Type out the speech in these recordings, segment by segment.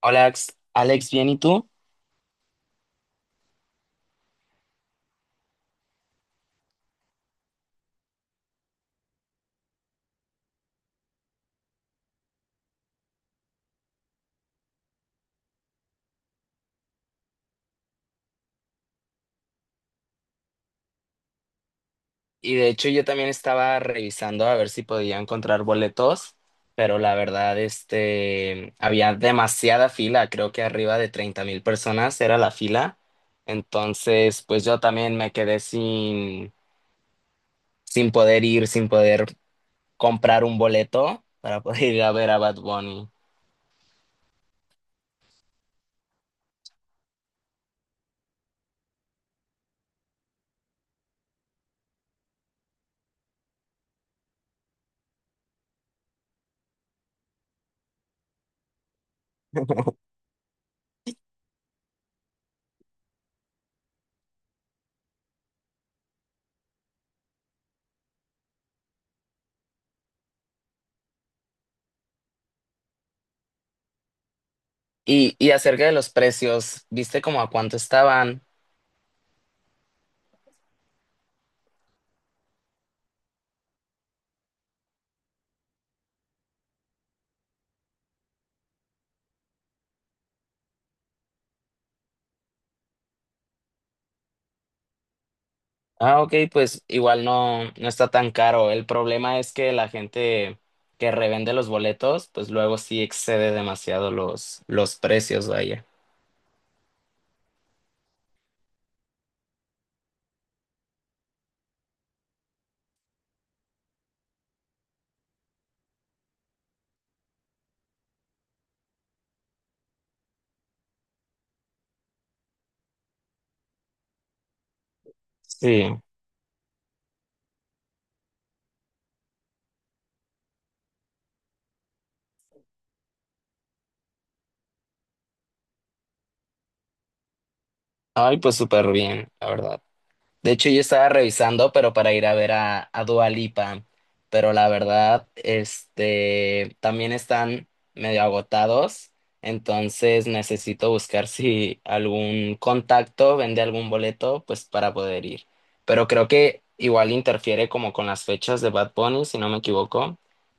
Hola, Alex, ¿bien y tú? Y de hecho yo también estaba revisando a ver si podía encontrar boletos, pero la verdad, había demasiada fila, creo que arriba de 30,000 personas era la fila, entonces pues yo también me quedé sin poder ir, sin poder comprar un boleto para poder ir a ver a Bad Bunny. Y acerca de los precios, ¿viste como a cuánto estaban? Ah, ok, pues igual no, no está tan caro. El problema es que la gente que revende los boletos, pues luego sí excede demasiado los precios, vaya. Sí. Ay, pues súper bien, la verdad. De hecho, yo estaba revisando, pero para ir a ver a Dua Lipa, pero la verdad, también están medio agotados, entonces necesito buscar si algún contacto vende algún boleto, pues para poder ir. Pero creo que igual interfiere como con las fechas de Bad Bunny, si no me equivoco,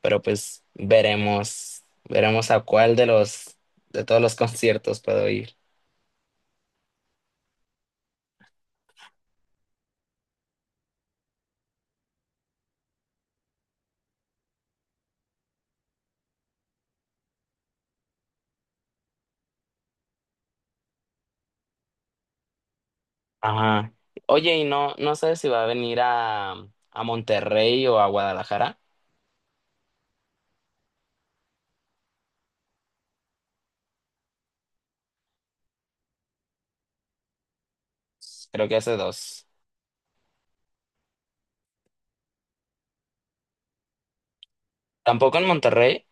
pero pues veremos, veremos a cuál de todos los conciertos puedo ir. Ajá. Oye, y no, no sé si va a venir a Monterrey o a Guadalajara. Creo que hace dos. Tampoco en Monterrey,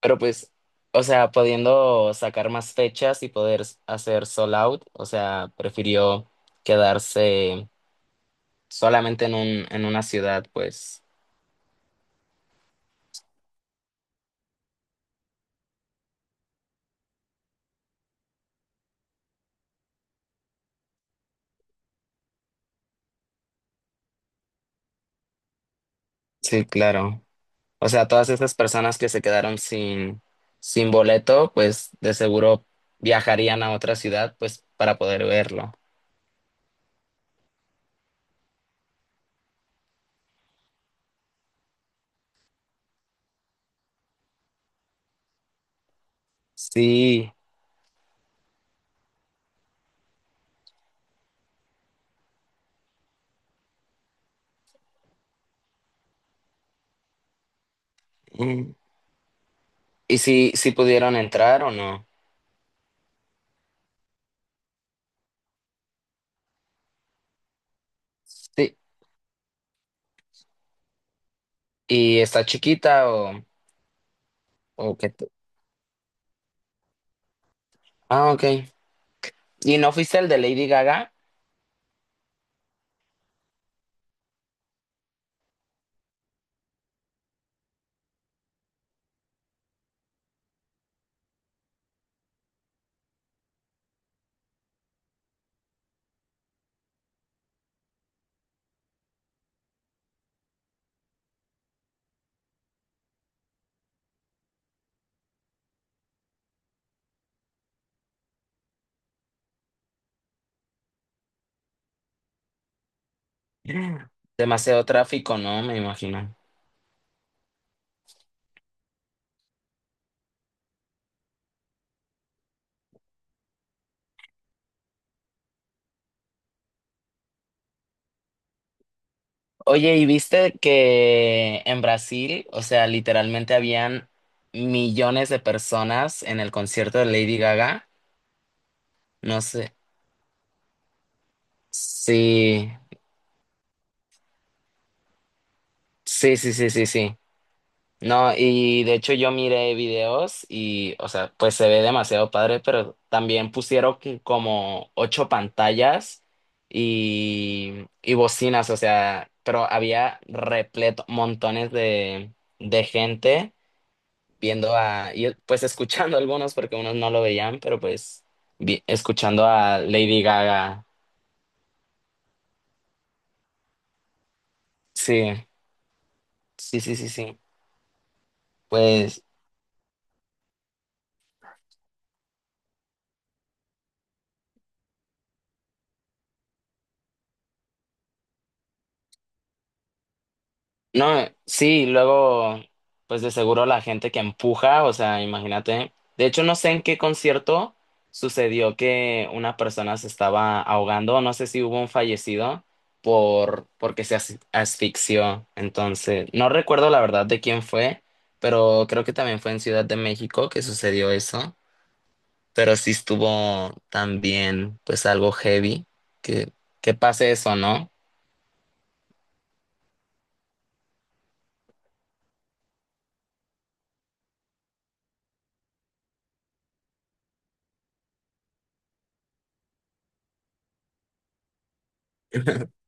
pero pues, o sea, pudiendo sacar más fechas y poder hacer sold out, o sea, prefirió quedarse solamente en una ciudad, pues. Sí, claro. O sea, todas esas personas que se quedaron sin boleto, pues de seguro viajarían a otra ciudad, pues, para poder verlo. Sí. ¿Y si, si pudieron entrar o no? Sí. ¿Y está chiquita o qué? Ah, ok. ¿Y no fuiste el de Lady Gaga? Demasiado tráfico, ¿no? Me imagino. Oye, ¿y viste que en Brasil, o sea, literalmente habían millones de personas en el concierto de Lady Gaga? No sé. Sí, sí, sí, sí, sí, sí. No, y de hecho yo miré videos y, o sea, pues se ve demasiado padre, pero también pusieron que como ocho pantallas y bocinas, o sea, pero había repleto, montones de gente viendo a, y pues escuchando algunos porque unos no lo veían, pero pues escuchando a Lady Gaga. Sí, sí, sí, sí, sí. Pues no, sí, luego, pues de seguro la gente que empuja, o sea, imagínate. De hecho, no sé en qué concierto sucedió que una persona se estaba ahogando, no sé si hubo un fallecido porque se asfixió. Entonces, no recuerdo la verdad de quién fue, pero creo que también fue en Ciudad de México que sucedió eso. Pero sí estuvo también, pues algo heavy que que pase eso, ¿no?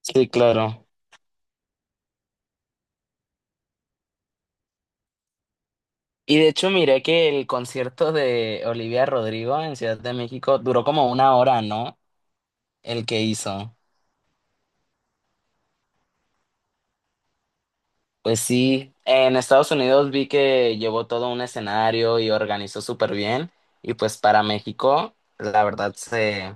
Sí, claro. Y de hecho miré que el concierto de Olivia Rodrigo en Ciudad de México duró como una hora, ¿no? El que hizo. Pues sí, en Estados Unidos vi que llevó todo un escenario y organizó súper bien. Y pues para México, la verdad se,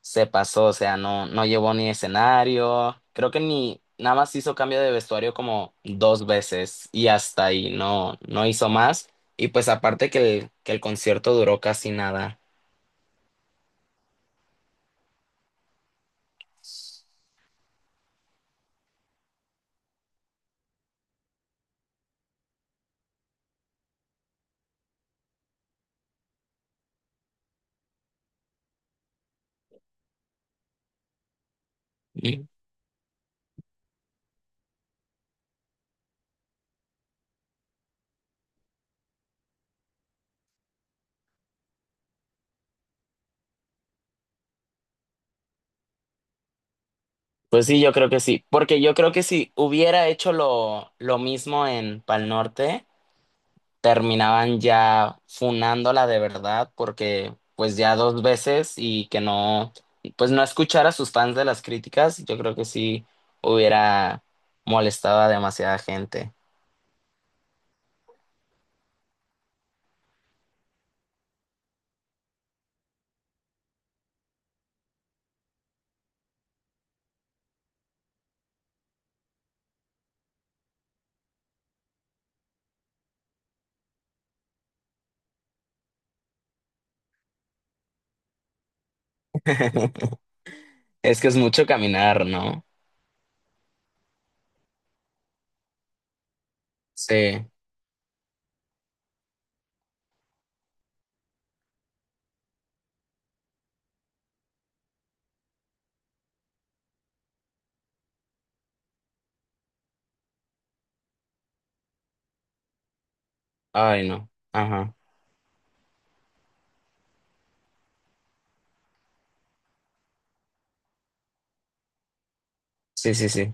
se pasó, o sea, no, no llevó ni escenario. Creo que ni nada más hizo cambio de vestuario como dos veces y hasta ahí, no, no hizo más. Y pues aparte que el concierto duró casi nada. Pues sí, yo creo que sí, porque yo creo que si hubiera hecho lo mismo en Pal Norte, terminaban ya funándola de verdad, porque pues ya dos veces y que no, pues no escuchar a sus fans de las críticas, yo creo que sí hubiera molestado a demasiada gente. Es que es mucho caminar, ¿no? Sí. Ay, no. Ajá. Sí, sí, sí.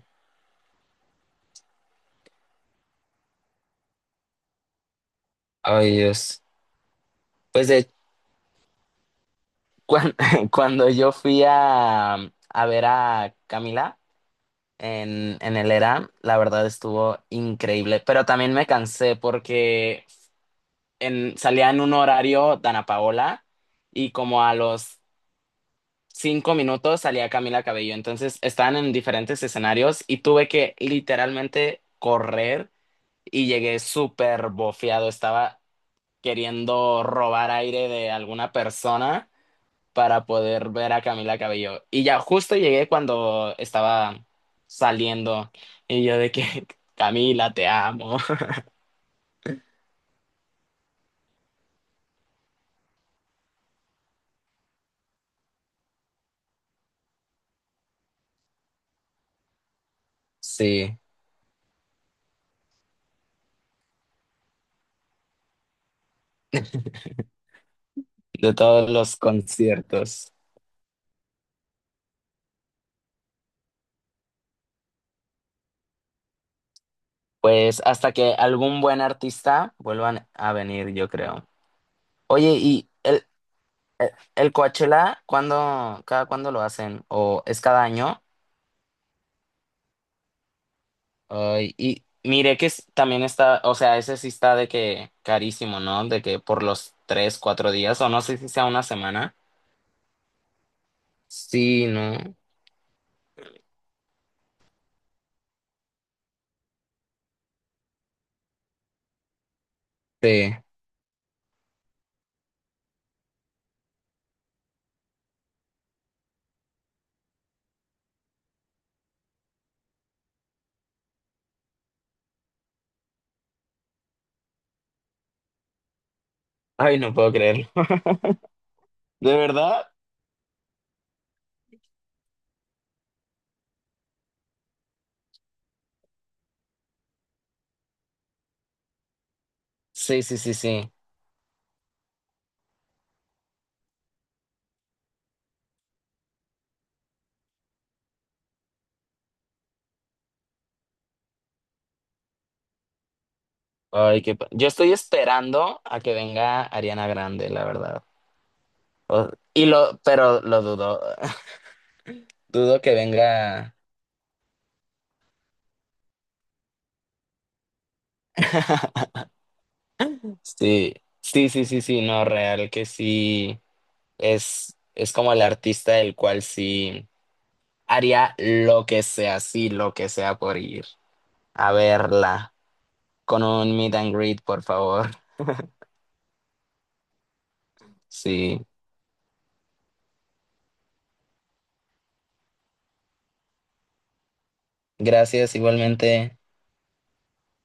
Ay, Dios. Pues cuan- cuando yo fui a ver a Camila, en el ERA, la verdad estuvo increíble, pero también me cansé porque salía en un horario Dana Paola y como a los 5 minutos salía Camila Cabello, entonces estaban en diferentes escenarios y tuve que literalmente correr y llegué súper bofeado, estaba queriendo robar aire de alguna persona para poder ver a Camila Cabello. Y ya justo llegué cuando estaba saliendo y yo de que Camila, te amo. Sí, de todos los conciertos. Pues hasta que algún buen artista vuelvan a venir, yo creo. Oye, ¿y el Coachella, cada cuándo lo hacen? ¿O es cada año? Ay, y mire que también está, o sea, ese sí está de que carísimo, ¿no? De que por los 3, 4 días, o no sé si sea una semana. Sí, no. Sí. Ay, no puedo creerlo. ¿De verdad? Sí, sí, sí, sí. Ay, yo estoy esperando a que venga Ariana Grande, la verdad. Pero lo dudo. Dudo que venga. Sí, sí, sí, sí, sí, no, real que sí. Es como el artista el cual sí haría lo que sea, sí, lo que sea por ir a verla con un meet and greet, por favor. Sí, gracias igualmente.